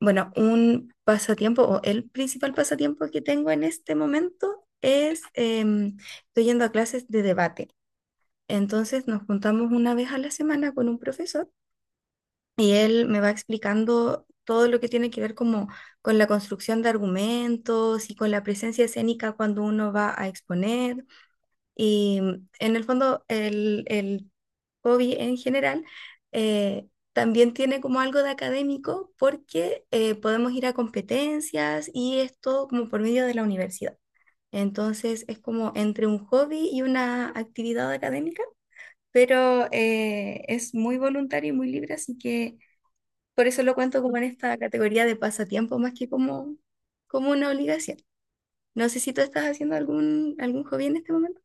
Bueno, un pasatiempo o el principal pasatiempo que tengo en este momento es, estoy yendo a clases de debate. Entonces nos juntamos una vez a la semana con un profesor y él me va explicando todo lo que tiene que ver como con la construcción de argumentos y con la presencia escénica cuando uno va a exponer. Y en el fondo, el hobby en general también tiene como algo de académico porque podemos ir a competencias y esto como por medio de la universidad. Entonces es como entre un hobby y una actividad académica, pero es muy voluntario y muy libre, así que por eso lo cuento como en esta categoría de pasatiempo más que como una obligación. No sé si tú estás haciendo algún hobby en este momento.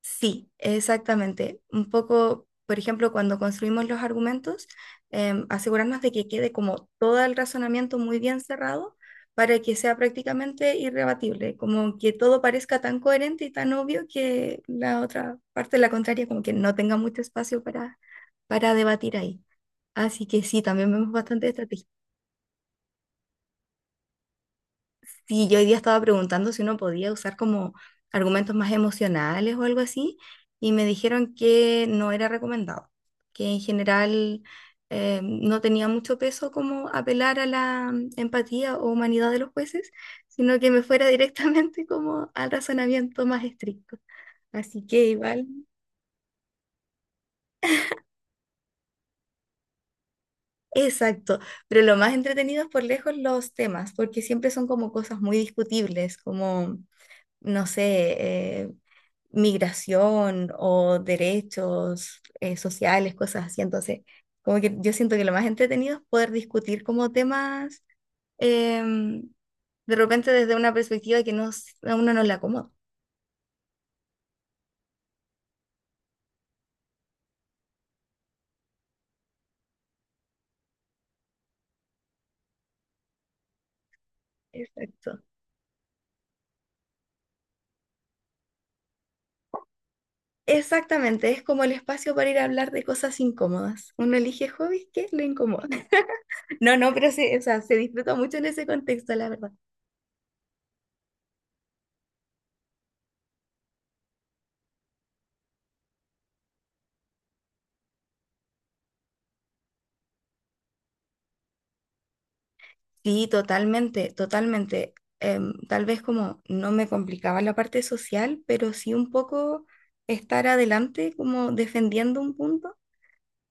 Sí, exactamente. Un poco, por ejemplo, cuando construimos los argumentos, asegurarnos de que quede como todo el razonamiento muy bien cerrado para que sea prácticamente irrebatible, como que todo parezca tan coherente y tan obvio que la otra parte, la contraria, como que no tenga mucho espacio para debatir ahí. Así que sí, también vemos bastante estrategia. Sí, yo hoy día estaba preguntando si uno podía usar como argumentos más emocionales o algo así, y me dijeron que no era recomendado, que en general no tenía mucho peso como apelar a la empatía o humanidad de los jueces, sino que me fuera directamente como al razonamiento más estricto. Así que igual, exacto, pero lo más entretenido es por lejos los temas, porque siempre son como cosas muy discutibles, como no sé, eh, migración o derechos sociales, cosas así. Entonces, como que yo siento que lo más entretenido es poder discutir como temas em, de repente desde una perspectiva que a uno no le acomoda. Exacto. Exactamente, es como el espacio para ir a hablar de cosas incómodas. Uno elige hobbies que le incomodan. No, no, pero o sea, se disfruta mucho en ese contexto, la verdad. Sí, totalmente, totalmente. Tal vez como no me complicaba la parte social, pero sí un poco estar adelante como defendiendo un punto.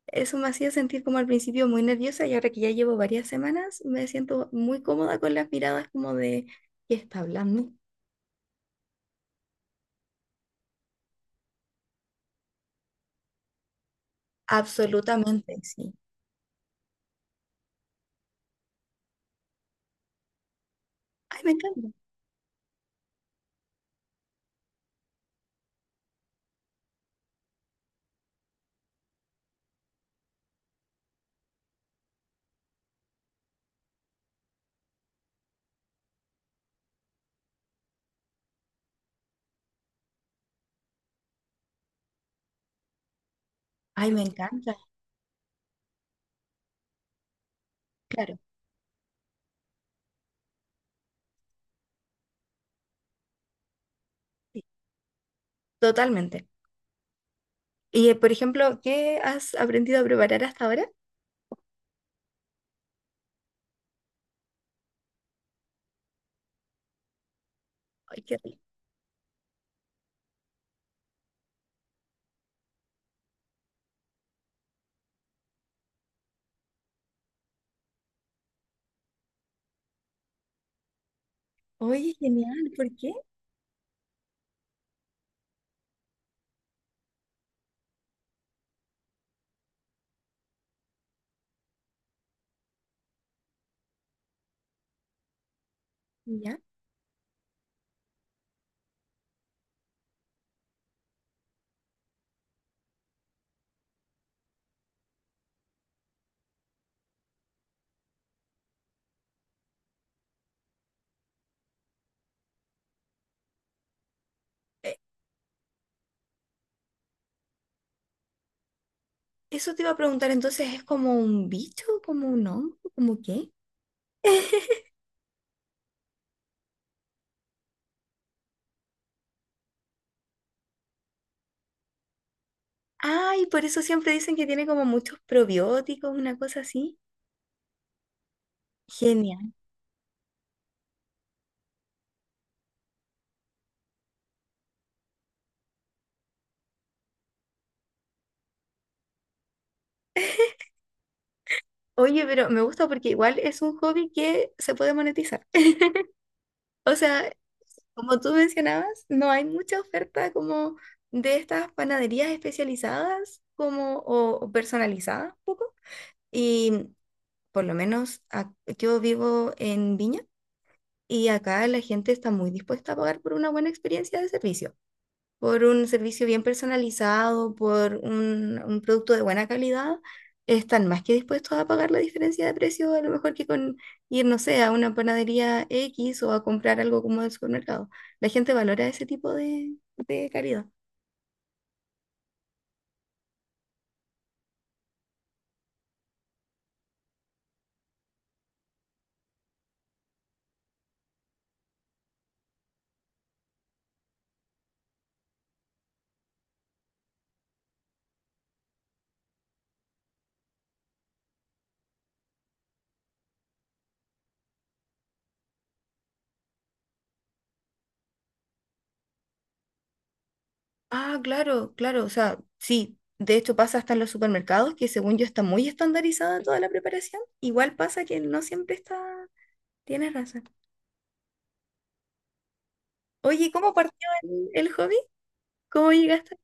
Eso me hacía sentir como al principio muy nerviosa y ahora que ya llevo varias semanas me siento muy cómoda con las miradas como de ¿qué está hablando? Absolutamente, sí. Ay, me encanta. Ay, me encanta. Claro, sí, totalmente. Y por ejemplo, ¿qué has aprendido a preparar hasta ahora? Ay, qué rico. Oye, genial, ¿por qué? ¿Ya? Eso te iba a preguntar, entonces, ¿es como un bicho, como un hongo, como qué? Ay, por eso siempre dicen que tiene como muchos probióticos, una cosa así. Genial. Oye, pero me gusta porque igual es un hobby que se puede monetizar. O sea, como tú mencionabas, no hay mucha oferta como de estas panaderías especializadas como o personalizadas un poco. Y por lo menos yo vivo en Viña. Y acá la gente está muy dispuesta a pagar por una buena experiencia de servicio, por un servicio bien personalizado, por un producto de buena calidad. Están más que dispuestos a pagar la diferencia de precio, a lo mejor que con ir, no sé, a una panadería X o a comprar algo como del supermercado. La gente valora ese tipo de calidad. Ah, claro, claro, o sea, sí. De hecho pasa hasta en los supermercados, que según yo está muy estandarizada toda la preparación. Igual pasa que no siempre está... Tienes razón. Oye, ¿cómo partió el hobby? ¿Cómo llegaste?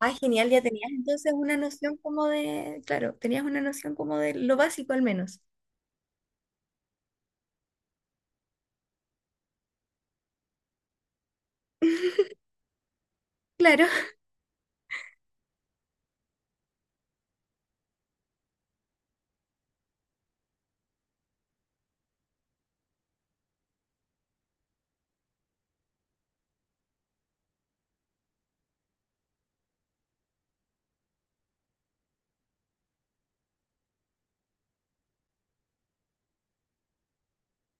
Ah, genial, ya tenías entonces una noción como de, claro, tenías una noción como de lo básico al menos. Claro,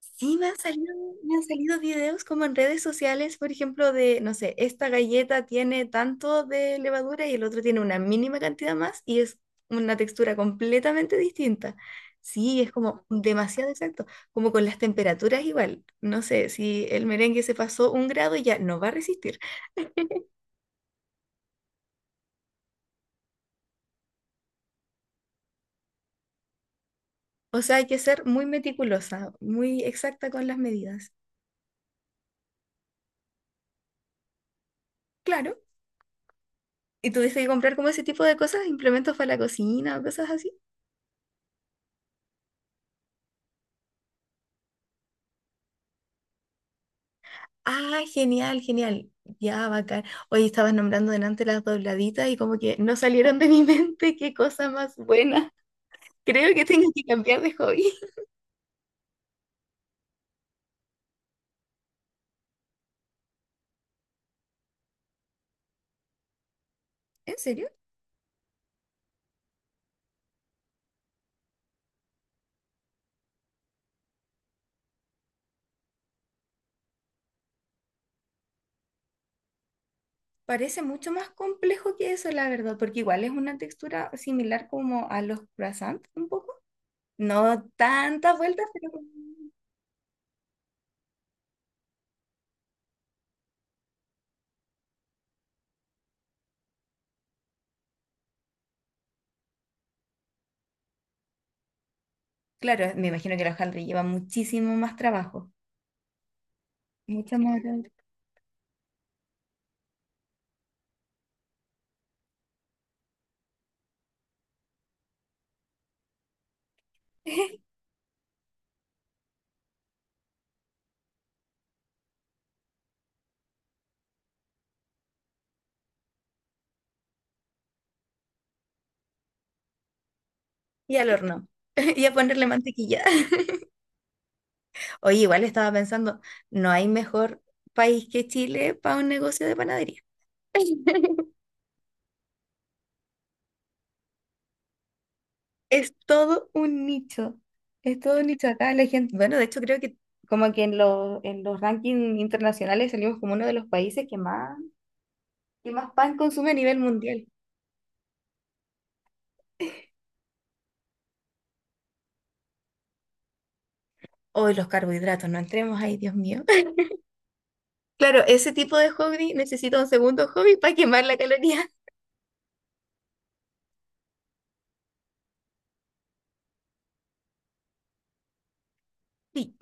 sí me han salido videos como en redes sociales, por ejemplo, de, no sé, esta galleta tiene tanto de levadura y el otro tiene una mínima cantidad más y es una textura completamente distinta. Sí, es como demasiado exacto, como con las temperaturas igual. No sé, si el merengue se pasó un grado ya no va a resistir. O sea, hay que ser muy meticulosa, muy exacta con las medidas. Claro. ¿Y tuviste que comprar como ese tipo de cosas, implementos para la cocina o cosas así? Ah, genial, genial. Ya, bacán. Hoy estabas nombrando delante las dobladitas y como que no salieron de mi mente. Qué cosa más buena. Creo que tengo que cambiar de hobby. ¿En serio? Parece mucho más complejo que eso, la verdad, porque igual es una textura similar como a los croissants, un poco. No tantas vueltas, pero... Claro, me imagino que la hojaldre lleva muchísimo más trabajo. Mucho más hojaldre. Y al horno. Y a ponerle mantequilla. Oye, igual estaba pensando, no hay mejor país que Chile para un negocio de panadería. Es todo un nicho. Es todo un nicho acá. La gente, bueno, de hecho creo que como que los en los rankings internacionales salimos como uno de los países que que más pan consume a nivel mundial. Hoy los carbohidratos, no entremos ahí, Dios mío. Claro, ese tipo de hobby necesita un segundo hobby para quemar la caloría. Sí,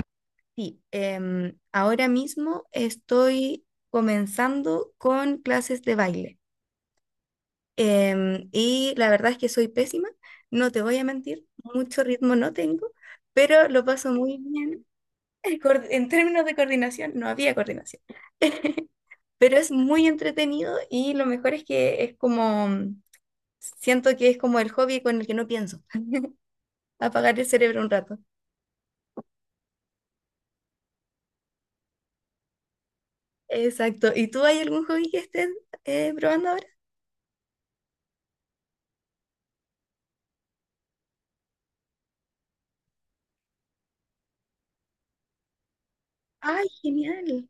sí. Ahora mismo estoy comenzando con clases de baile. Y la verdad es que soy pésima, no te voy a mentir, mucho ritmo no tengo, pero lo paso muy bien. En términos de coordinación, no había coordinación. Pero es muy entretenido y lo mejor es que es como, siento que es como el hobby con el que no pienso, apagar el cerebro un rato. Exacto. ¿Y tú hay algún hobby que estés probando ahora? ¡Ay, genial!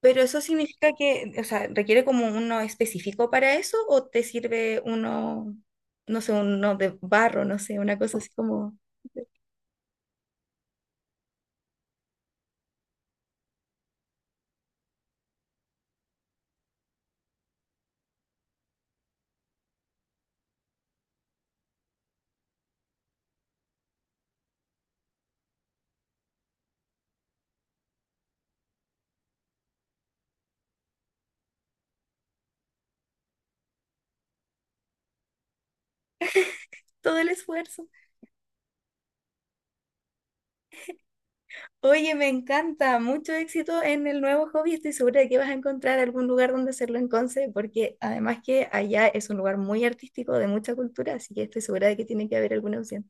Pero eso significa que, o sea, ¿requiere como uno específico para eso o te sirve uno, no sé, uno de barro, no sé, una cosa así como todo el esfuerzo? Oye, me encanta, mucho éxito en el nuevo hobby. Estoy segura de que vas a encontrar algún lugar donde hacerlo en Conce, porque además que allá es un lugar muy artístico, de mucha cultura, así que estoy segura de que tiene que haber alguna opción.